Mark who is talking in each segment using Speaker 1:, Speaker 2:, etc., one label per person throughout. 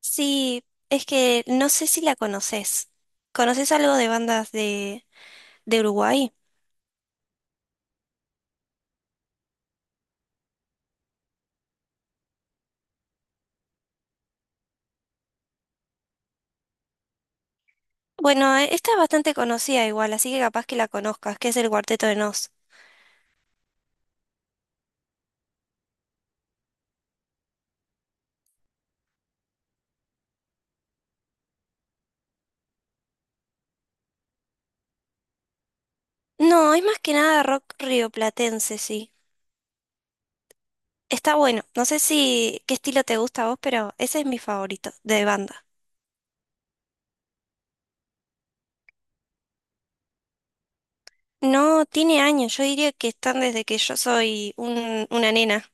Speaker 1: Sí, es que no sé si la conoces. ¿Conoces algo de bandas de Uruguay? Bueno, esta es bastante conocida igual, así que capaz que la conozcas, que es el Cuarteto de Nos. No, es más que nada rock rioplatense, sí. Está bueno. No sé si qué estilo te gusta a vos, pero ese es mi favorito de banda. No, tiene años. Yo diría que están desde que yo soy una nena.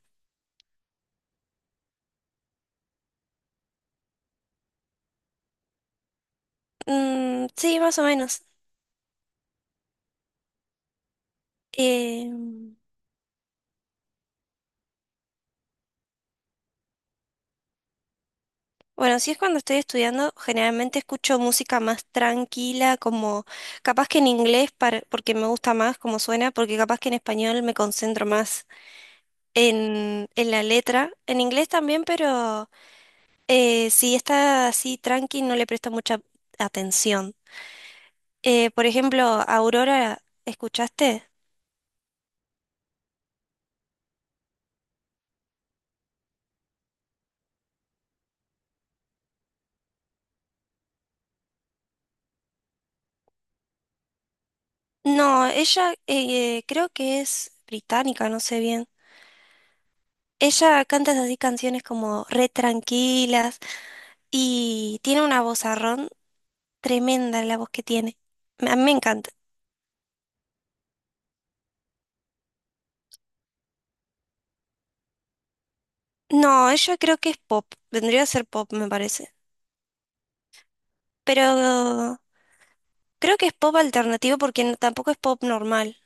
Speaker 1: Mm, sí, más o menos. Eh, Bueno, si es cuando estoy estudiando, generalmente escucho música más tranquila, como capaz que en inglés, porque me gusta más cómo suena, porque capaz que en español me concentro más en la letra. En inglés también, pero si está así tranqui, no le presto mucha atención. Por ejemplo, Aurora, ¿escuchaste? No, ella creo que es británica, no sé bien. Ella canta así canciones como re tranquilas. Y tiene una vozarrón tremenda la voz que tiene. A mí me encanta. No, ella creo que es pop. Vendría a ser pop, me parece. Pero creo que es pop alternativo porque tampoco es pop normal.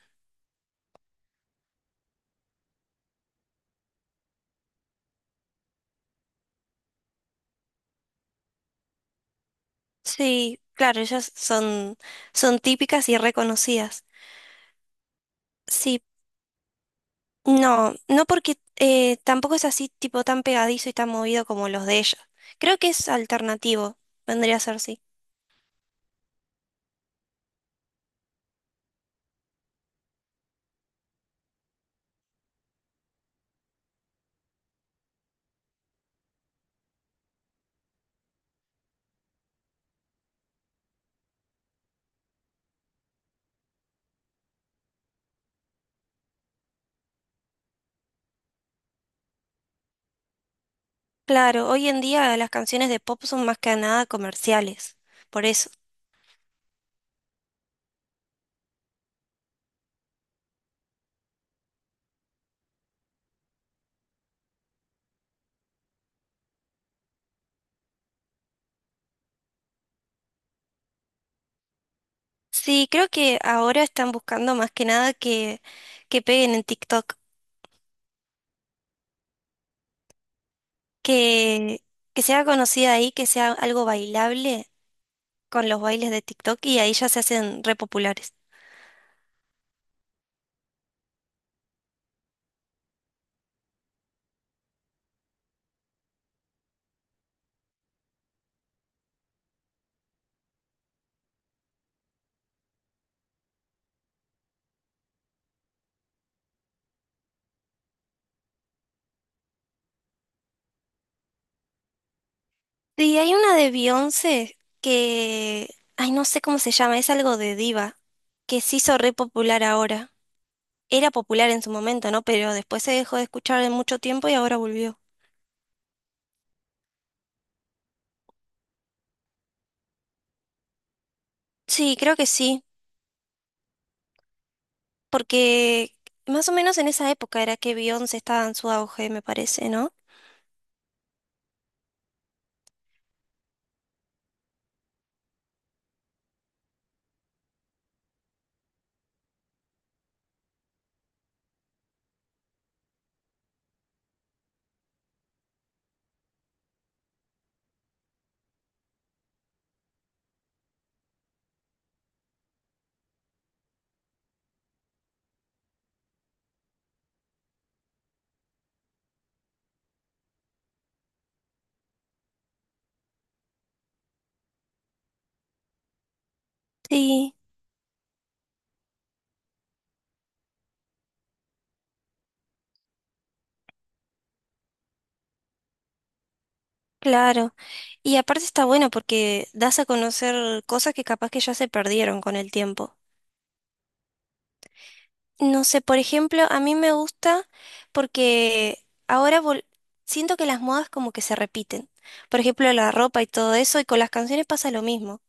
Speaker 1: Sí, claro, son típicas y reconocidas. Sí, no, no porque tampoco es así tipo tan pegadizo y tan movido como los de ella. Creo que es alternativo, vendría a ser sí. Claro, hoy en día las canciones de pop son más que nada comerciales, por eso. Sí, creo que ahora están buscando más que nada que peguen en TikTok, que, que sea conocida ahí, que sea algo bailable con los bailes de TikTok y ahí ya se hacen re populares. Sí, hay una de Beyoncé que, ay, no sé cómo se llama, es algo de diva, que se hizo re popular ahora. Era popular en su momento, ¿no? Pero después se dejó de escuchar en mucho tiempo y ahora volvió. Sí, creo que sí, porque más o menos en esa época era que Beyoncé estaba en su auge, me parece, ¿no? Sí, claro. Y aparte está bueno porque das a conocer cosas que capaz que ya se perdieron con el tiempo. No sé, por ejemplo, a mí me gusta porque ahora vol- siento que las modas como que se repiten. Por ejemplo, la ropa y todo eso, y con las canciones pasa lo mismo.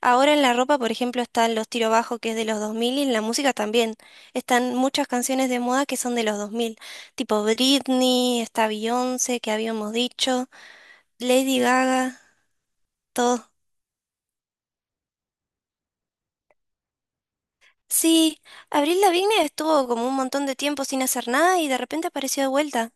Speaker 1: Ahora en la ropa, por ejemplo, están los tiro bajo que es de los 2000 y en la música también. Están muchas canciones de moda que son de los 2000. Tipo Britney, está Beyoncé, que habíamos dicho, Lady Gaga, todo. Sí, Abril Lavigne estuvo como un montón de tiempo sin hacer nada y de repente apareció de vuelta.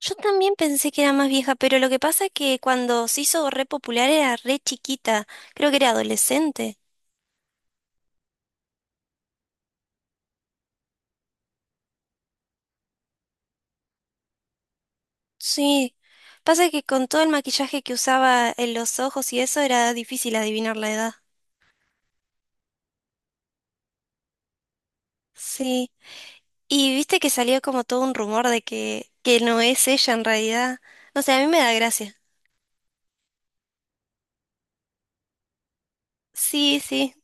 Speaker 1: Yo también pensé que era más vieja, pero lo que pasa es que cuando se hizo re popular era re chiquita, creo que era adolescente. Sí, pasa que con todo el maquillaje que usaba en los ojos y eso era difícil adivinar la edad. Sí, y viste que salió como todo un rumor de que no es ella en realidad. No sé, a mí me da gracia. Sí, sí.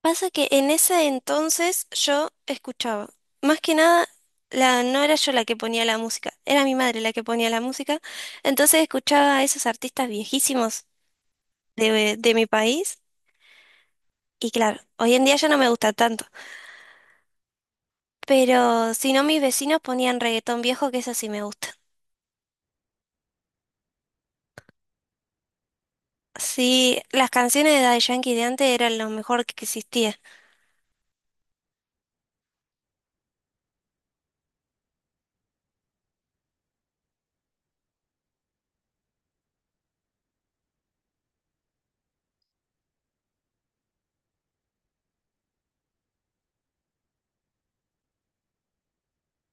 Speaker 1: Pasa que en ese entonces yo escuchaba, más que nada, no era yo la que ponía la música, era mi madre la que ponía la música, entonces escuchaba a esos artistas viejísimos de mi país y claro, hoy en día ya no me gusta tanto, pero si no mis vecinos ponían reggaetón viejo, que eso sí me gusta. Sí, las canciones de Daddy Yankee de antes eran lo mejor que existía.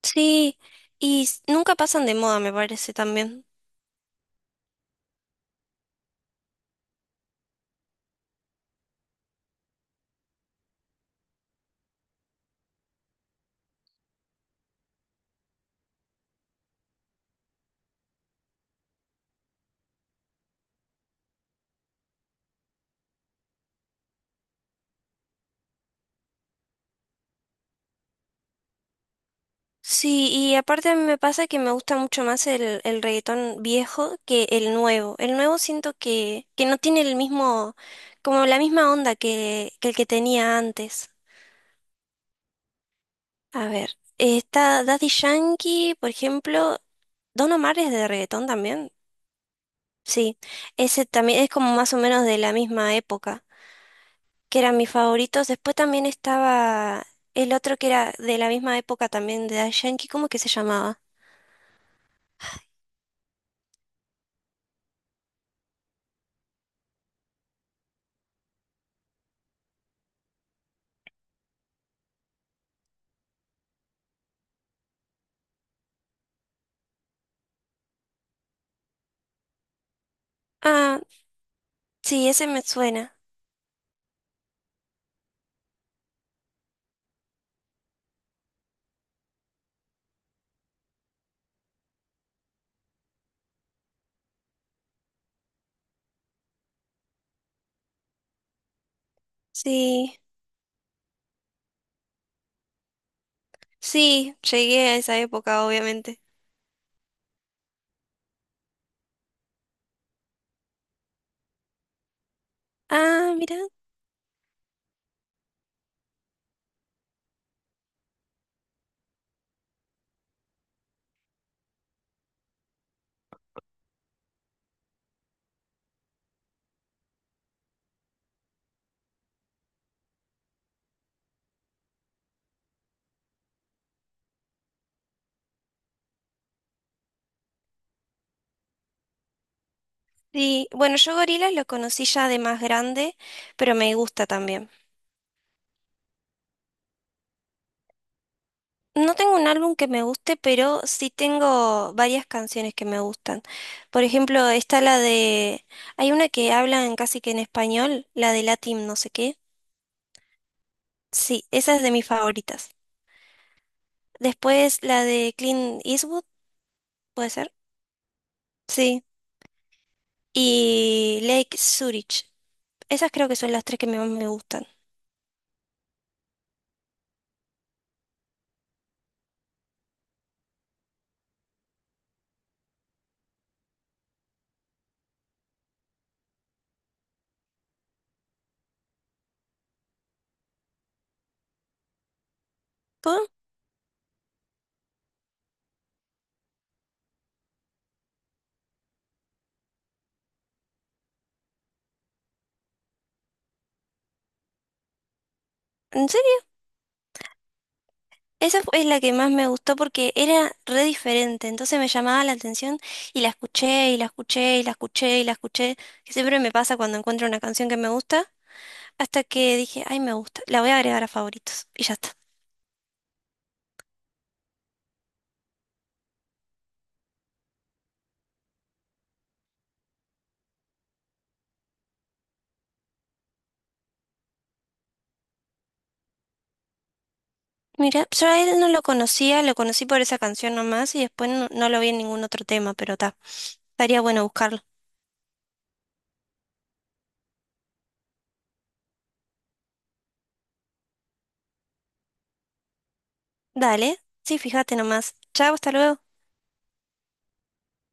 Speaker 1: Sí, nunca pasan de moda, me parece también. Sí, y aparte a mí me pasa que me gusta mucho más el reggaetón viejo que el nuevo. El nuevo siento que no tiene el mismo, como la misma onda que el que tenía antes. A ver, está Daddy Yankee, por ejemplo, Don Omar es de reggaetón también. Sí, ese también es como más o menos de la misma época, que eran mis favoritos. Después también estaba el otro que era de la misma época también de Daddy Yankee, ¿cómo que se llamaba? Ah, sí, ese me suena. Sí, sí, llegué a esa época, obviamente. Ah, mira. Sí, bueno, yo Gorillaz lo conocí ya de más grande, pero me gusta también. No tengo un álbum que me guste, pero sí tengo varias canciones que me gustan. Por ejemplo, está la de... Hay una que hablan casi que en español, la de Latin no sé qué. Sí, esa es de mis favoritas. Después la de Clint Eastwood, ¿puede ser? Sí. Y Lake Zurich. Esas creo que son las tres más me gustan. En serio, es la que más me gustó porque era re diferente, entonces me llamaba la atención y la escuché y la escuché y la escuché y la escuché, que siempre me pasa cuando encuentro una canción que me gusta, hasta que dije, ay, me gusta, la voy a agregar a favoritos y ya está. Mira, yo a él no lo conocía, lo conocí por esa canción nomás y después no, no lo vi en ningún otro tema, pero ta, estaría bueno buscarlo. Dale, sí, fíjate nomás. Chao, hasta luego.